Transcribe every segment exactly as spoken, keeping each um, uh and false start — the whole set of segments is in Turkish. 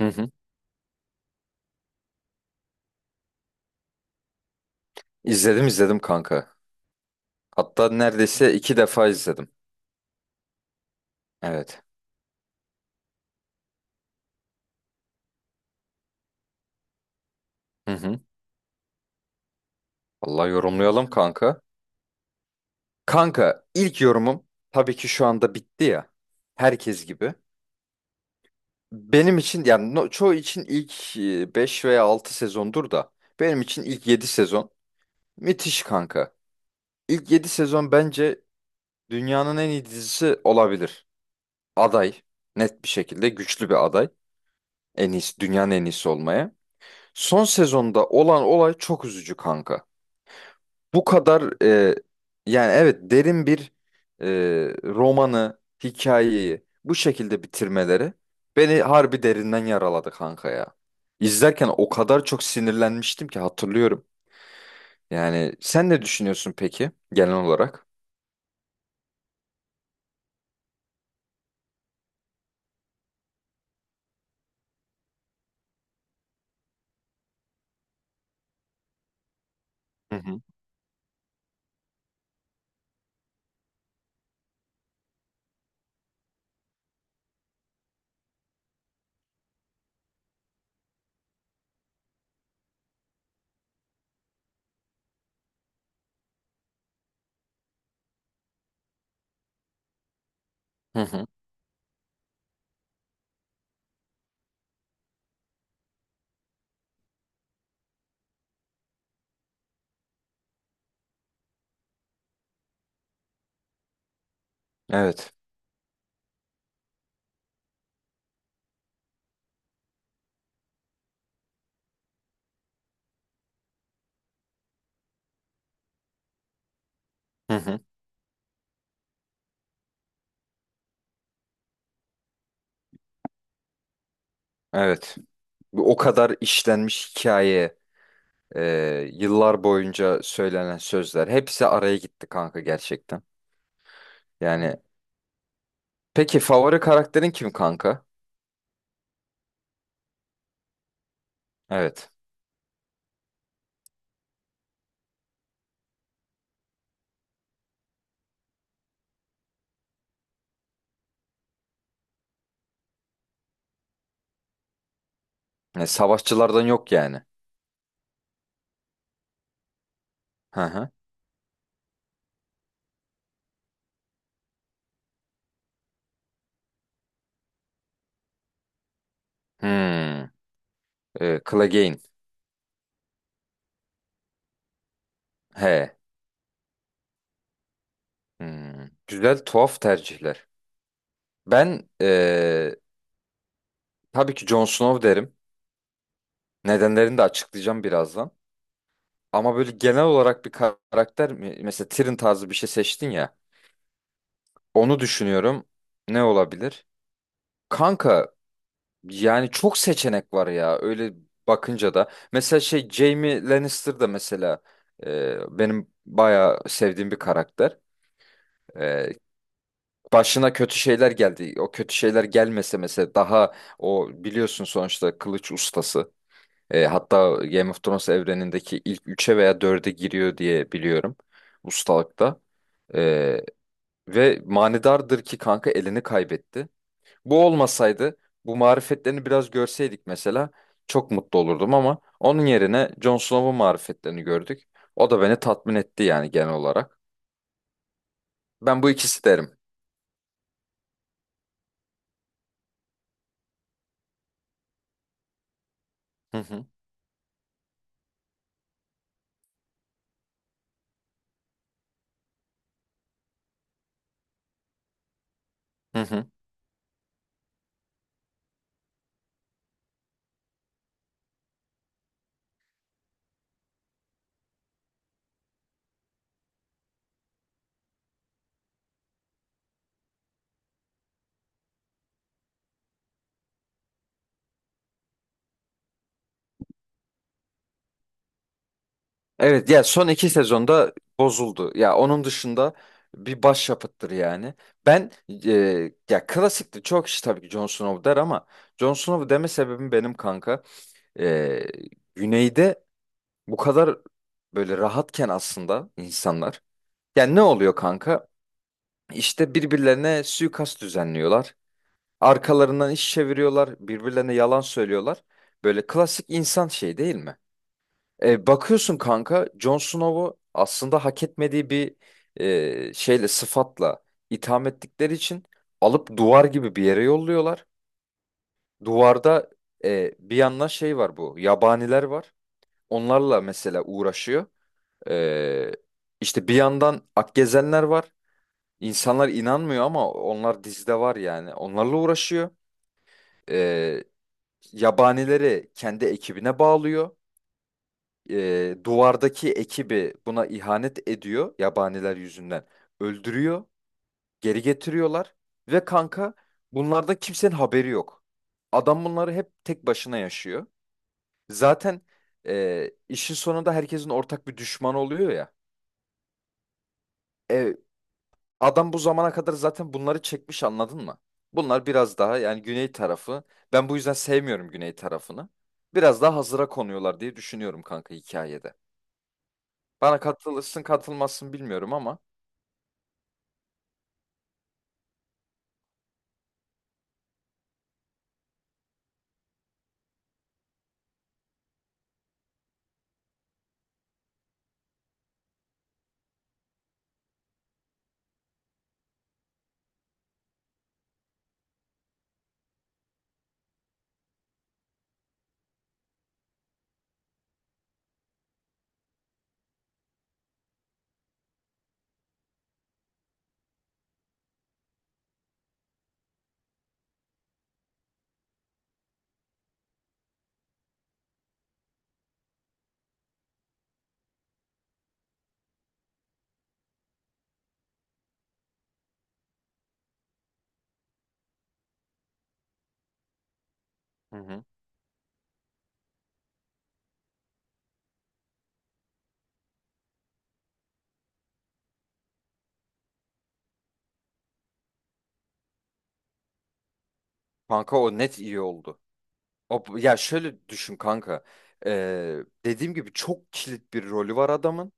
Hı hı. İzledim izledim kanka. Hatta neredeyse iki defa izledim. Evet. Hı hı. Vallahi yorumlayalım kanka. Kanka ilk yorumum tabii ki şu anda bitti ya. Herkes gibi. Benim için yani no- çoğu için ilk e, beş veya altı sezondur da benim için ilk yedi sezon müthiş kanka. İlk yedi sezon bence dünyanın en iyi dizisi olabilir. Aday net bir şekilde güçlü bir aday. En iyisi dünyanın en iyisi olmaya. Son sezonda olan olay çok üzücü kanka. Bu kadar e, yani evet derin bir e, romanı, hikayeyi bu şekilde bitirmeleri beni harbi derinden yaraladı kanka ya. İzlerken o kadar çok sinirlenmiştim ki hatırlıyorum. Yani sen ne düşünüyorsun peki genel olarak? Hı hı. Hı hı. Evet. Hı hı. Evet. Bu O kadar işlenmiş hikaye, e, yıllar boyunca söylenen sözler hepsi araya gitti kanka gerçekten. Yani peki favori karakterin kim kanka? Evet. E, savaşçılardan yok yani. Hı hı. Hmm. E, Clegane. He. Hmm. Güzel tuhaf tercihler. Ben e, tabii ki Jon Snow derim. Nedenlerini de açıklayacağım birazdan. Ama böyle genel olarak bir karakter mi- mesela Tyrion tarzı bir şey seçtin ya. Onu düşünüyorum. Ne olabilir? Kanka, Yani çok seçenek var ya öyle bakınca da. Mesela şey Jaime Lannister da mesela e, benim bayağı sevdiğim bir karakter. E, başına kötü şeyler geldi. O kötü şeyler gelmese mesela daha o biliyorsun sonuçta kılıç ustası. E, hatta Game of Thrones evrenindeki ilk üçe veya dörde giriyor diye biliyorum ustalıkta. E, ve manidardır ki kanka elini kaybetti. Bu olmasaydı, bu marifetlerini biraz görseydik mesela çok mutlu olurdum ama onun yerine Jon Snow'un marifetlerini gördük. O da beni tatmin etti yani genel olarak. Ben bu ikisi derim. Hı hı. Hı hı. Evet ya son iki sezonda bozuldu. Ya onun dışında bir başyapıttır yani. Ben e, ya klasikti çok kişi tabii ki Jon Snow der ama Jon Snow deme sebebim benim kanka. E, güneyde bu kadar böyle rahatken aslında insanlar. Yani ne oluyor kanka? İşte birbirlerine suikast düzenliyorlar. Arkalarından iş çeviriyorlar. Birbirlerine yalan söylüyorlar. Böyle klasik insan şey değil mi? E, bakıyorsun kanka Jon Snow'u aslında hak etmediği bir e, şeyle sıfatla itham ettikleri için alıp duvar gibi bir yere yolluyorlar. Duvarda e, bir yandan şey var bu yabaniler var. Onlarla mesela uğraşıyor. E, işte bir yandan Akgezenler var. İnsanlar inanmıyor ama onlar dizide var yani. Onlarla uğraşıyor. Ee, yabanileri kendi ekibine bağlıyor. Ee, duvardaki ekibi buna ihanet ediyor. Yabaniler yüzünden öldürüyor. Geri getiriyorlar. Ve kanka bunlarda kimsenin haberi yok. Adam bunları hep tek başına yaşıyor. Zaten e, işin sonunda herkesin ortak bir düşmanı oluyor ya. E, Adam bu zamana kadar zaten bunları çekmiş anladın mı? Bunlar biraz daha yani güney tarafı. Ben bu yüzden sevmiyorum güney tarafını. Biraz daha hazıra konuyorlar diye düşünüyorum kanka hikayede. Bana katılırsın katılmazsın bilmiyorum ama. Hı hı. Kanka o net iyi oldu. O, ya şöyle düşün kanka. Ee, dediğim gibi çok kilit bir rolü var adamın.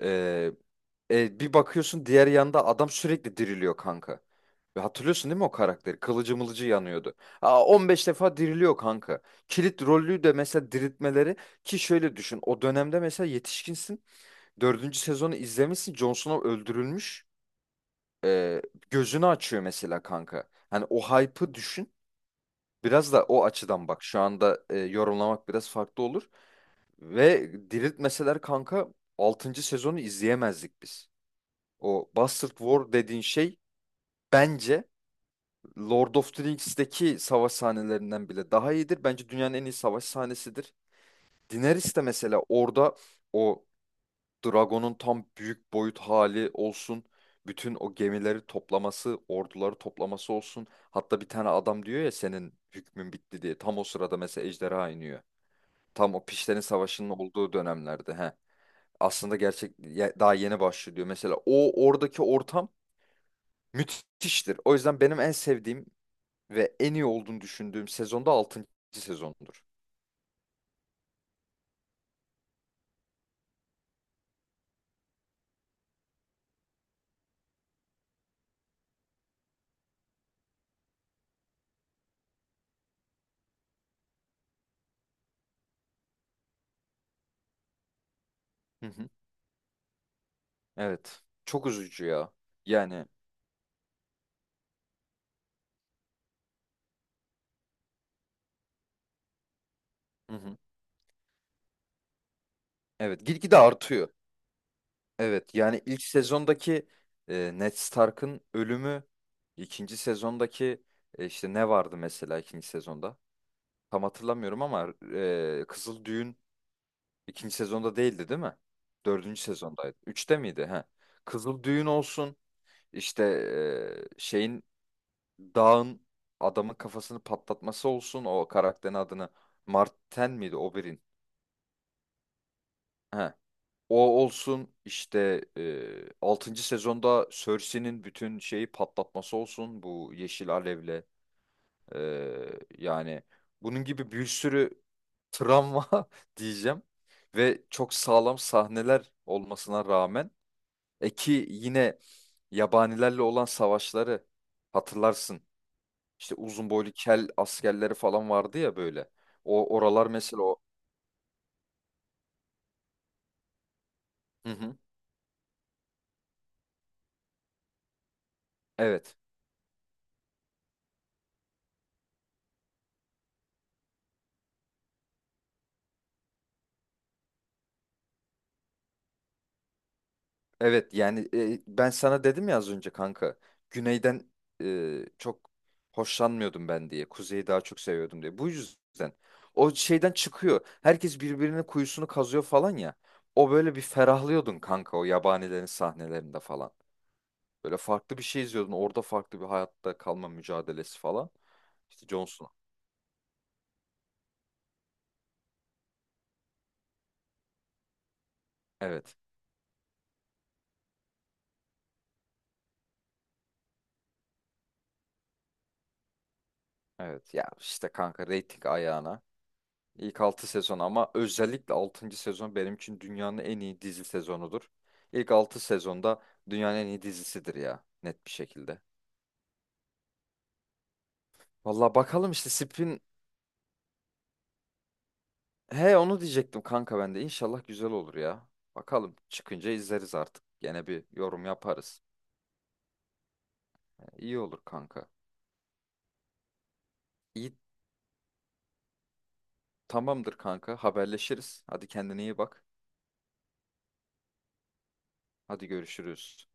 Ee, e, bir bakıyorsun diğer yanda adam sürekli diriliyor kanka. Ve hatırlıyorsun değil mi o karakteri? Kılıcı mılıcı yanıyordu. Aa, on beş defa diriliyor kanka. Kilit rollü de mesela diriltmeleri ki şöyle düşün. O dönemde mesela yetişkinsin. Dördüncü sezonu izlemişsin. Jon Snow öldürülmüş. Ee, gözünü açıyor mesela kanka. Hani o hype'ı düşün. Biraz da o açıdan bak. Şu anda e, yorumlamak biraz farklı olur. Ve diriltmeseler kanka altıncı sezonu izleyemezdik biz. O Bastard War dediğin şey bence Lord of the Rings'teki savaş sahnelerinden bile daha iyidir. Bence dünyanın en iyi savaş sahnesidir. Daenerys de mesela orada o Dragon'un tam büyük boyut hali olsun. Bütün o gemileri toplaması, orduları toplaması olsun. Hatta bir tane adam diyor ya senin hükmün bitti diye. Tam o sırada mesela ejderha iniyor. Tam o Pişlerin Savaşı'nın olduğu dönemlerde. He. Aslında gerçek ya- daha yeni başlıyor. Mesela o oradaki ortam Müthiştir. O yüzden benim en sevdiğim ve en iyi olduğunu düşündüğüm sezon da altıncı sezondur. Hı hı. Evet. Çok üzücü ya. Yani, hı hı. Evet, gitgide artıyor. Evet, yani ilk sezondaki e, Ned Stark'ın ölümü, ikinci sezondaki e, işte ne vardı mesela ikinci sezonda? Tam hatırlamıyorum ama e, Kızıl Düğün ikinci sezonda değildi, değil mi? Dördüncü sezondaydı. Üçte miydi? He. Kızıl Düğün olsun. İşte e, şeyin Dağın adamın kafasını patlatması olsun o karakterin adını Marten miydi Oberyn? He. O olsun işte e, altıncı sezonda Cersei'nin bütün şeyi patlatması olsun bu yeşil alevle. E, yani bunun gibi bir sürü travma diyeceğim ve çok sağlam sahneler olmasına rağmen e ki yine yabanilerle olan savaşları hatırlarsın. İşte uzun boylu kel askerleri falan vardı ya böyle. O oralar mesela o. Hı hı. Evet. Evet yani e, ben sana dedim ya az önce kanka. Güneyden e, çok hoşlanmıyordum ben diye. Kuzeyi daha çok seviyordum diye. Bu yüzden. O şeyden çıkıyor. Herkes birbirinin kuyusunu kazıyor falan ya. O böyle bir ferahlıyordun kanka o yabanilerin sahnelerinde falan. Böyle farklı bir şey izliyordun. Orada farklı bir hayatta kalma mücadelesi falan. İşte Johnson. Evet. Evet ya işte kanka reyting ayağına. İlk altı sezon ama özellikle altıncı sezon benim için dünyanın en iyi dizi sezonudur. İlk altı sezonda dünyanın en iyi dizisidir ya net bir şekilde. Valla bakalım işte Spin. He. Onu diyecektim kanka ben de. İnşallah güzel olur ya. Bakalım çıkınca izleriz artık. Gene bir yorum yaparız. E, İyi olur kanka. İyi tamamdır kanka haberleşiriz. Hadi kendine iyi bak. Hadi görüşürüz.